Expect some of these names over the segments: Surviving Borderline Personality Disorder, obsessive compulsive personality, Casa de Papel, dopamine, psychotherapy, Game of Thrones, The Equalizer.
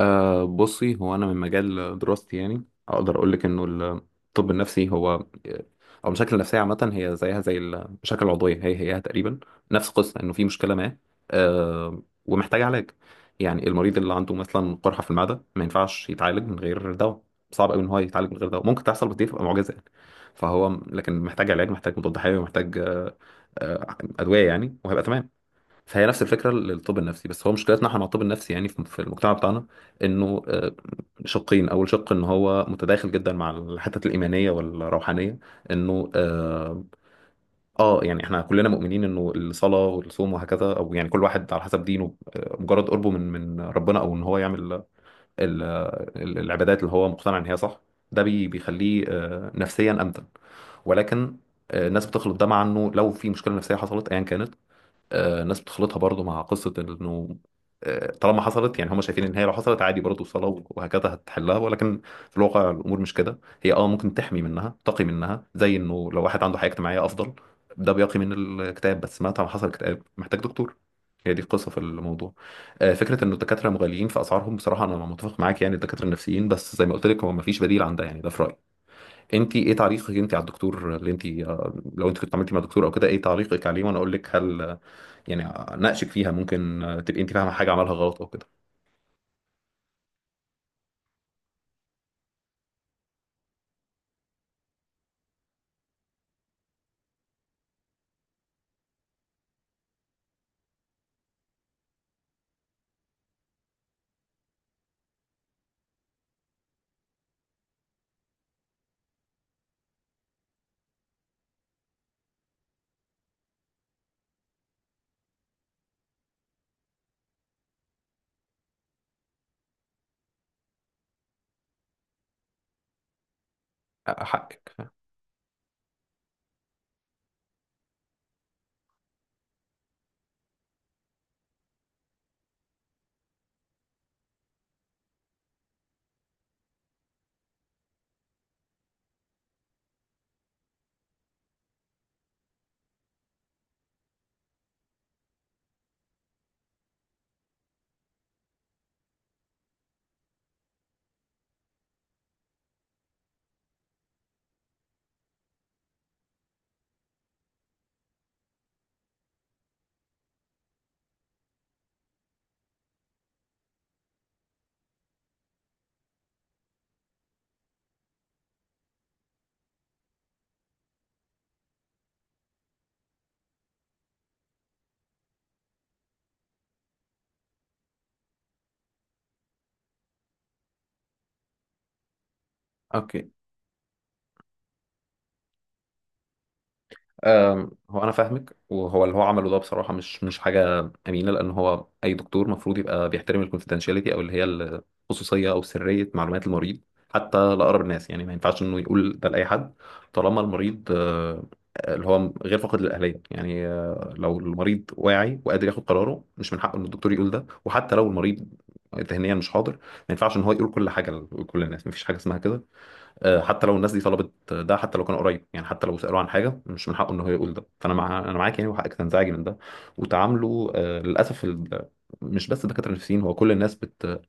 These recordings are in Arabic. بصي، هو أنا من مجال دراستي يعني أقدر أقول لك إنه الطب النفسي أو المشاكل النفسية عامة هي زيها زي المشاكل العضوية، هي هيها تقريبا نفس القصة. إنه في مشكلة ما ومحتاج علاج. يعني المريض اللي عنده مثلا قرحة في المعدة ما ينفعش يتعالج من غير دواء. صعب قوي إن هو يتعالج من غير دواء، ممكن تحصل بس دي تبقى معجزة يعني. فهو لكن محتاج علاج، محتاج مضاد حيوي، محتاج أه، أه، أدوية يعني، وهيبقى تمام. فهي نفس الفكره للطب النفسي. بس هو مشكلتنا احنا مع الطب النفسي يعني، في المجتمع بتاعنا، انه شقين. اول شق ان هو متداخل جدا مع الحتت الايمانيه والروحانيه، انه يعني احنا كلنا مؤمنين انه الصلاه والصوم وهكذا، او يعني كل واحد على حسب دينه، مجرد قربه من ربنا، او ان هو يعمل العبادات اللي هو مقتنع ان هي صح، ده بيخليه نفسيا امتن. ولكن الناس بتخلط ده مع انه لو في مشكله نفسيه حصلت ايا كانت. ناس بتخلطها برضو مع قصة انه طالما حصلت يعني هم شايفين ان هي لو حصلت عادي برضو الصلاة وهكذا هتحلها، ولكن في الواقع الامور مش كده. هي ممكن تحمي منها، تقي منها، زي انه لو واحد عنده حياة اجتماعية افضل، ده بيقي من الاكتئاب. بس مهما حصل اكتئاب محتاج دكتور. هي دي القصة في الموضوع. فكرة ان الدكاترة مغاليين في اسعارهم، بصراحة انا متفق معاك يعني الدكاترة النفسيين. بس زي ما قلت لك هو مفيش بديل عن ده يعني، ده في رأيي. انت ايه تعليقك انت على الدكتور اللي انت لو انت كنت عملتي مع دكتور او كده، ايه تعليقك عليه؟ وانا اقول لك، هل يعني اناقشك فيها؟ ممكن تبقي انت فاهمه حاجه عملها غلط او كده؟ حقك. اوكي. هو انا فاهمك، وهو اللي هو عمله ده بصراحه مش حاجه امينه، لان هو اي دكتور المفروض يبقى بيحترم الكونفيدنشاليتي او اللي هي الخصوصيه او سريه معلومات المريض، حتى لاقرب الناس يعني. ما ينفعش انه يقول ده لاي حد طالما المريض اللي هو غير فاقد للاهليه يعني. لو المريض واعي وقادر ياخد قراره، مش من حقه ان الدكتور يقول ده. وحتى لو المريض ذهنيا مش حاضر، ما ينفعش ان هو يقول كل حاجه لكل الناس. ما فيش حاجه اسمها كده. حتى لو الناس دي طلبت ده، حتى لو كان قريب يعني، حتى لو سألوه عن حاجة مش من حقه ان هو يقول ده. فانا مع انا معاك يعني، وحقك تنزعجي من ده وتعامله. للاسف مش بس الدكاترة النفسيين، هو كل الناس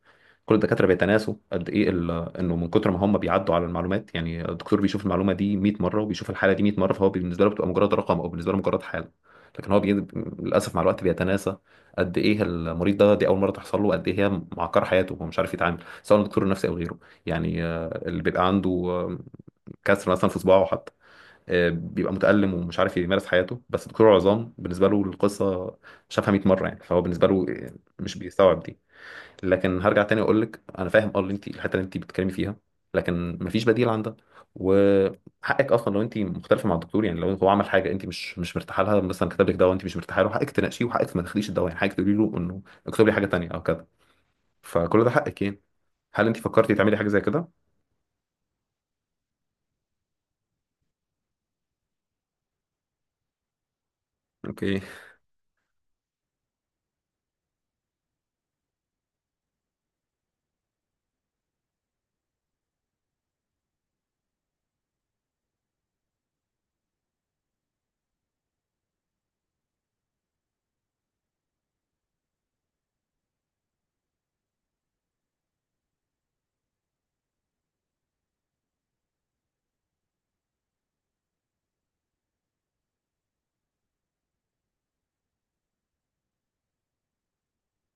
كل الدكاتره بيتناسوا قد ايه انه من كتر ما هم بيعدوا على المعلومات. يعني الدكتور بيشوف المعلومه دي 100 مره، وبيشوف الحاله دي 100 مره، فهو بالنسبه له بتبقى مجرد رقم، او بالنسبه له مجرد حاله. لكن هو للاسف مع الوقت بيتناسى قد ايه المريض ده، دي اول مره تحصل له، قد ايه هي معكره حياته، هو مش عارف يتعامل. سواء دكتور نفسي او غيره يعني، اللي بيبقى عنده كسر مثلا في صباعه حتى، بيبقى متألم ومش عارف يمارس حياته. بس دكتور عظام بالنسبه له القصه شافها 100 مره يعني، فهو بالنسبه له مش بيستوعب. لكن هرجع تاني اقول لك انا فاهم اللي انت، الحته اللي انت بتتكلمي فيها، لكن مفيش بديل عن ده. وحقك اصلا لو انت مختلفه مع الدكتور يعني، لو هو عمل حاجه انت مش مرتاحه لها، مثلا كتب لك دواء انت مش مرتاحه له، حقك تناقشيه. وحقك ما تاخديش الدواء يعني، حقك تقولي له انه اكتب لي حاجه تانيه او كده. فكل ده حقك يعني. هل انت فكرتي تعملي حاجه زي كده؟ اوكي.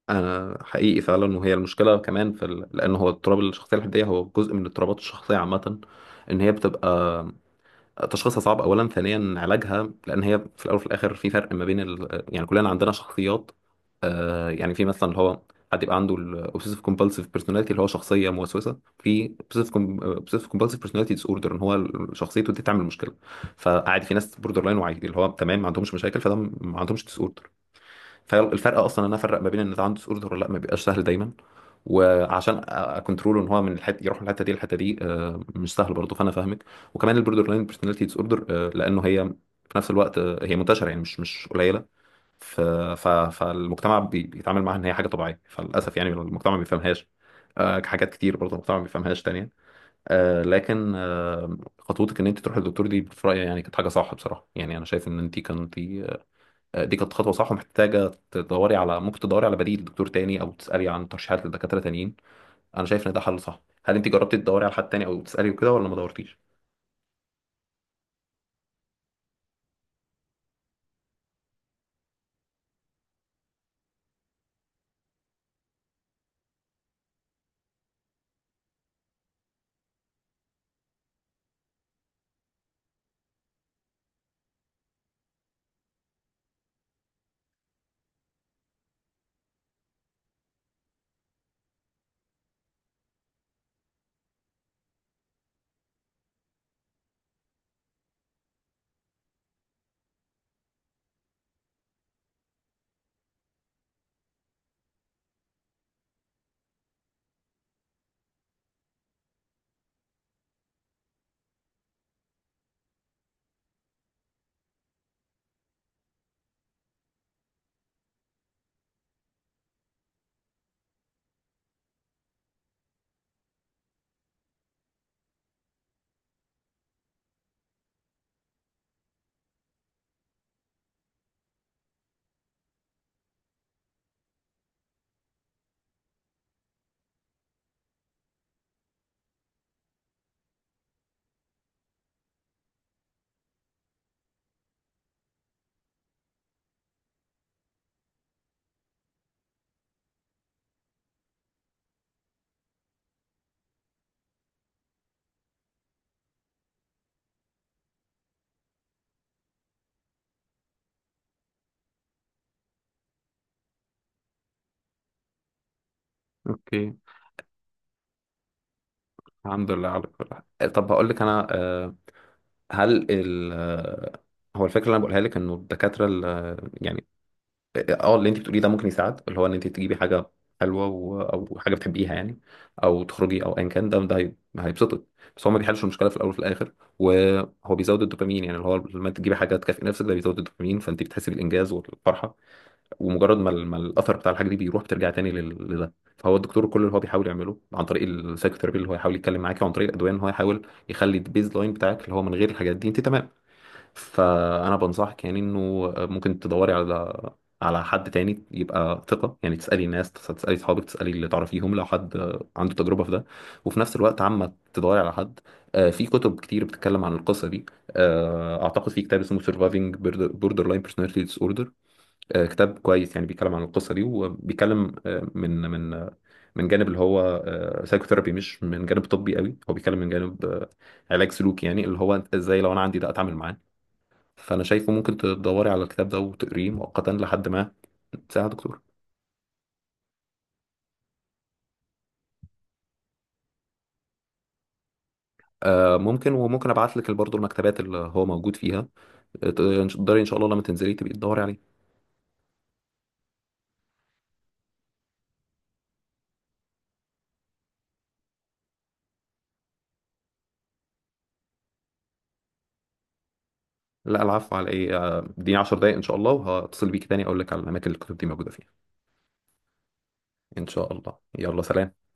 انا حقيقي فعلا، وهي المشكله كمان لان هو اضطراب الشخصيه الحديه هو جزء من اضطرابات الشخصيه عامه. ان هي بتبقى تشخيصها صعب اولا، ثانيا علاجها، لان هي في الاول وفي الاخر في فرق ما بين يعني كلنا عندنا شخصيات. يعني في مثلا اللي هو حد يبقى عنده الاوبسيسيف كومبالسيف بيرسوناليتي، اللي هو شخصيه موسوسه. في اوبسيسيف كومبالسيف بيرسوناليتي ديس اوردر، ان هو شخصيته دي تعمل مشكله. فعادي في ناس بوردر لاين، وعادي اللي هو تمام ما عندهمش مشاكل، فده ما عندهمش ديس. فالفرق اصلا ان انا افرق ما بين ان ده عنده اوردر ولا لا ما بيبقاش سهل دايما. وعشان اكونترول ان هو من الحته يروح، من الحته دي للحته دي مش سهل برضه، فانا فاهمك. وكمان البوردر لاين بيرسوناليتي ديس اوردر، لانه هي في نفس الوقت هي منتشره يعني، مش قليله. ف... فالمجتمع بيتعامل معاها ان هي حاجه طبيعيه. فللاسف يعني المجتمع ما بيفهمهاش. حاجات كتير برضه المجتمع ما بيفهمهاش تانية. لكن خطوتك ان انت تروح للدكتور دي في رايي يعني كانت حاجه صح بصراحه. يعني انا شايف ان انت كنت دي كانت خطوه صح، ومحتاجه تدوري على، ممكن تدوري على بديل دكتور تاني، او تسالي عن ترشيحات لدكاتره تانيين. انا شايف ان ده حل صح. هل انت جربتي تدوري على حد تاني او تسالي وكده، ولا ما دورتيش؟ اوكي. الحمد لله على كل حال. طب هقول لك انا، هل ال آه، هو الفكره اللي انا بقولها لك، انه الدكاتره يعني اللي انت بتقوليه ده ممكن يساعد، اللي هو ان انت تجيبي حاجه حلوه او حاجه بتحبيها يعني، او تخرجي، او ايا كان ده هيبسطك. بس هو ما بيحلش المشكله في الاول وفي الاخر. وهو بيزود الدوبامين يعني، اللي هو لما تجيبي حاجه تكافئي نفسك ده بيزود الدوبامين، فانت بتحسي بالانجاز والفرحه. ومجرد ما الاثر بتاع الحاجه دي بيروح، بترجع تاني لده. فهو الدكتور كل اللي هو بيحاول يعمله عن طريق السايكوثيرابي اللي هو يحاول يتكلم معاكي، وعن طريق الادويه، ان هو يحاول يخلي البيز لاين بتاعك، اللي هو من غير الحاجات دي انت تمام. فانا بنصحك يعني انه ممكن تدوري على حد تاني يبقى ثقة يعني، تسألي الناس، تسألي صحابك، تسألي اللي تعرفيهم لو حد عنده تجربة في ده. وفي نفس الوقت عما تدوري على حد. في كتب كتير بتتكلم عن القصة دي. اعتقد في كتاب اسمه Surviving Borderline Personality Disorder. كتاب كويس يعني، بيتكلم عن القصة دي، وبيتكلم من جانب اللي هو سايكوثيرابي، مش من جانب طبي قوي. هو بيتكلم من جانب علاج سلوكي يعني، اللي هو ازاي لو انا عندي ده اتعامل معاه. فانا شايفه ممكن تدوري على الكتاب ده وتقريه مؤقتا لحد ما ساعة دكتور. ممكن، وممكن ابعت لك برضه المكتبات اللي هو موجود فيها. تقدري ان شاء الله لما تنزلي تبقي تدوري عليه. لا، العفو على ايه. اديني 10 دقايق ان شاء الله، وهتصل بيك تاني اقول لك على الاماكن اللي الكتب دي موجوده فيها. ان شاء الله، يلا سلام.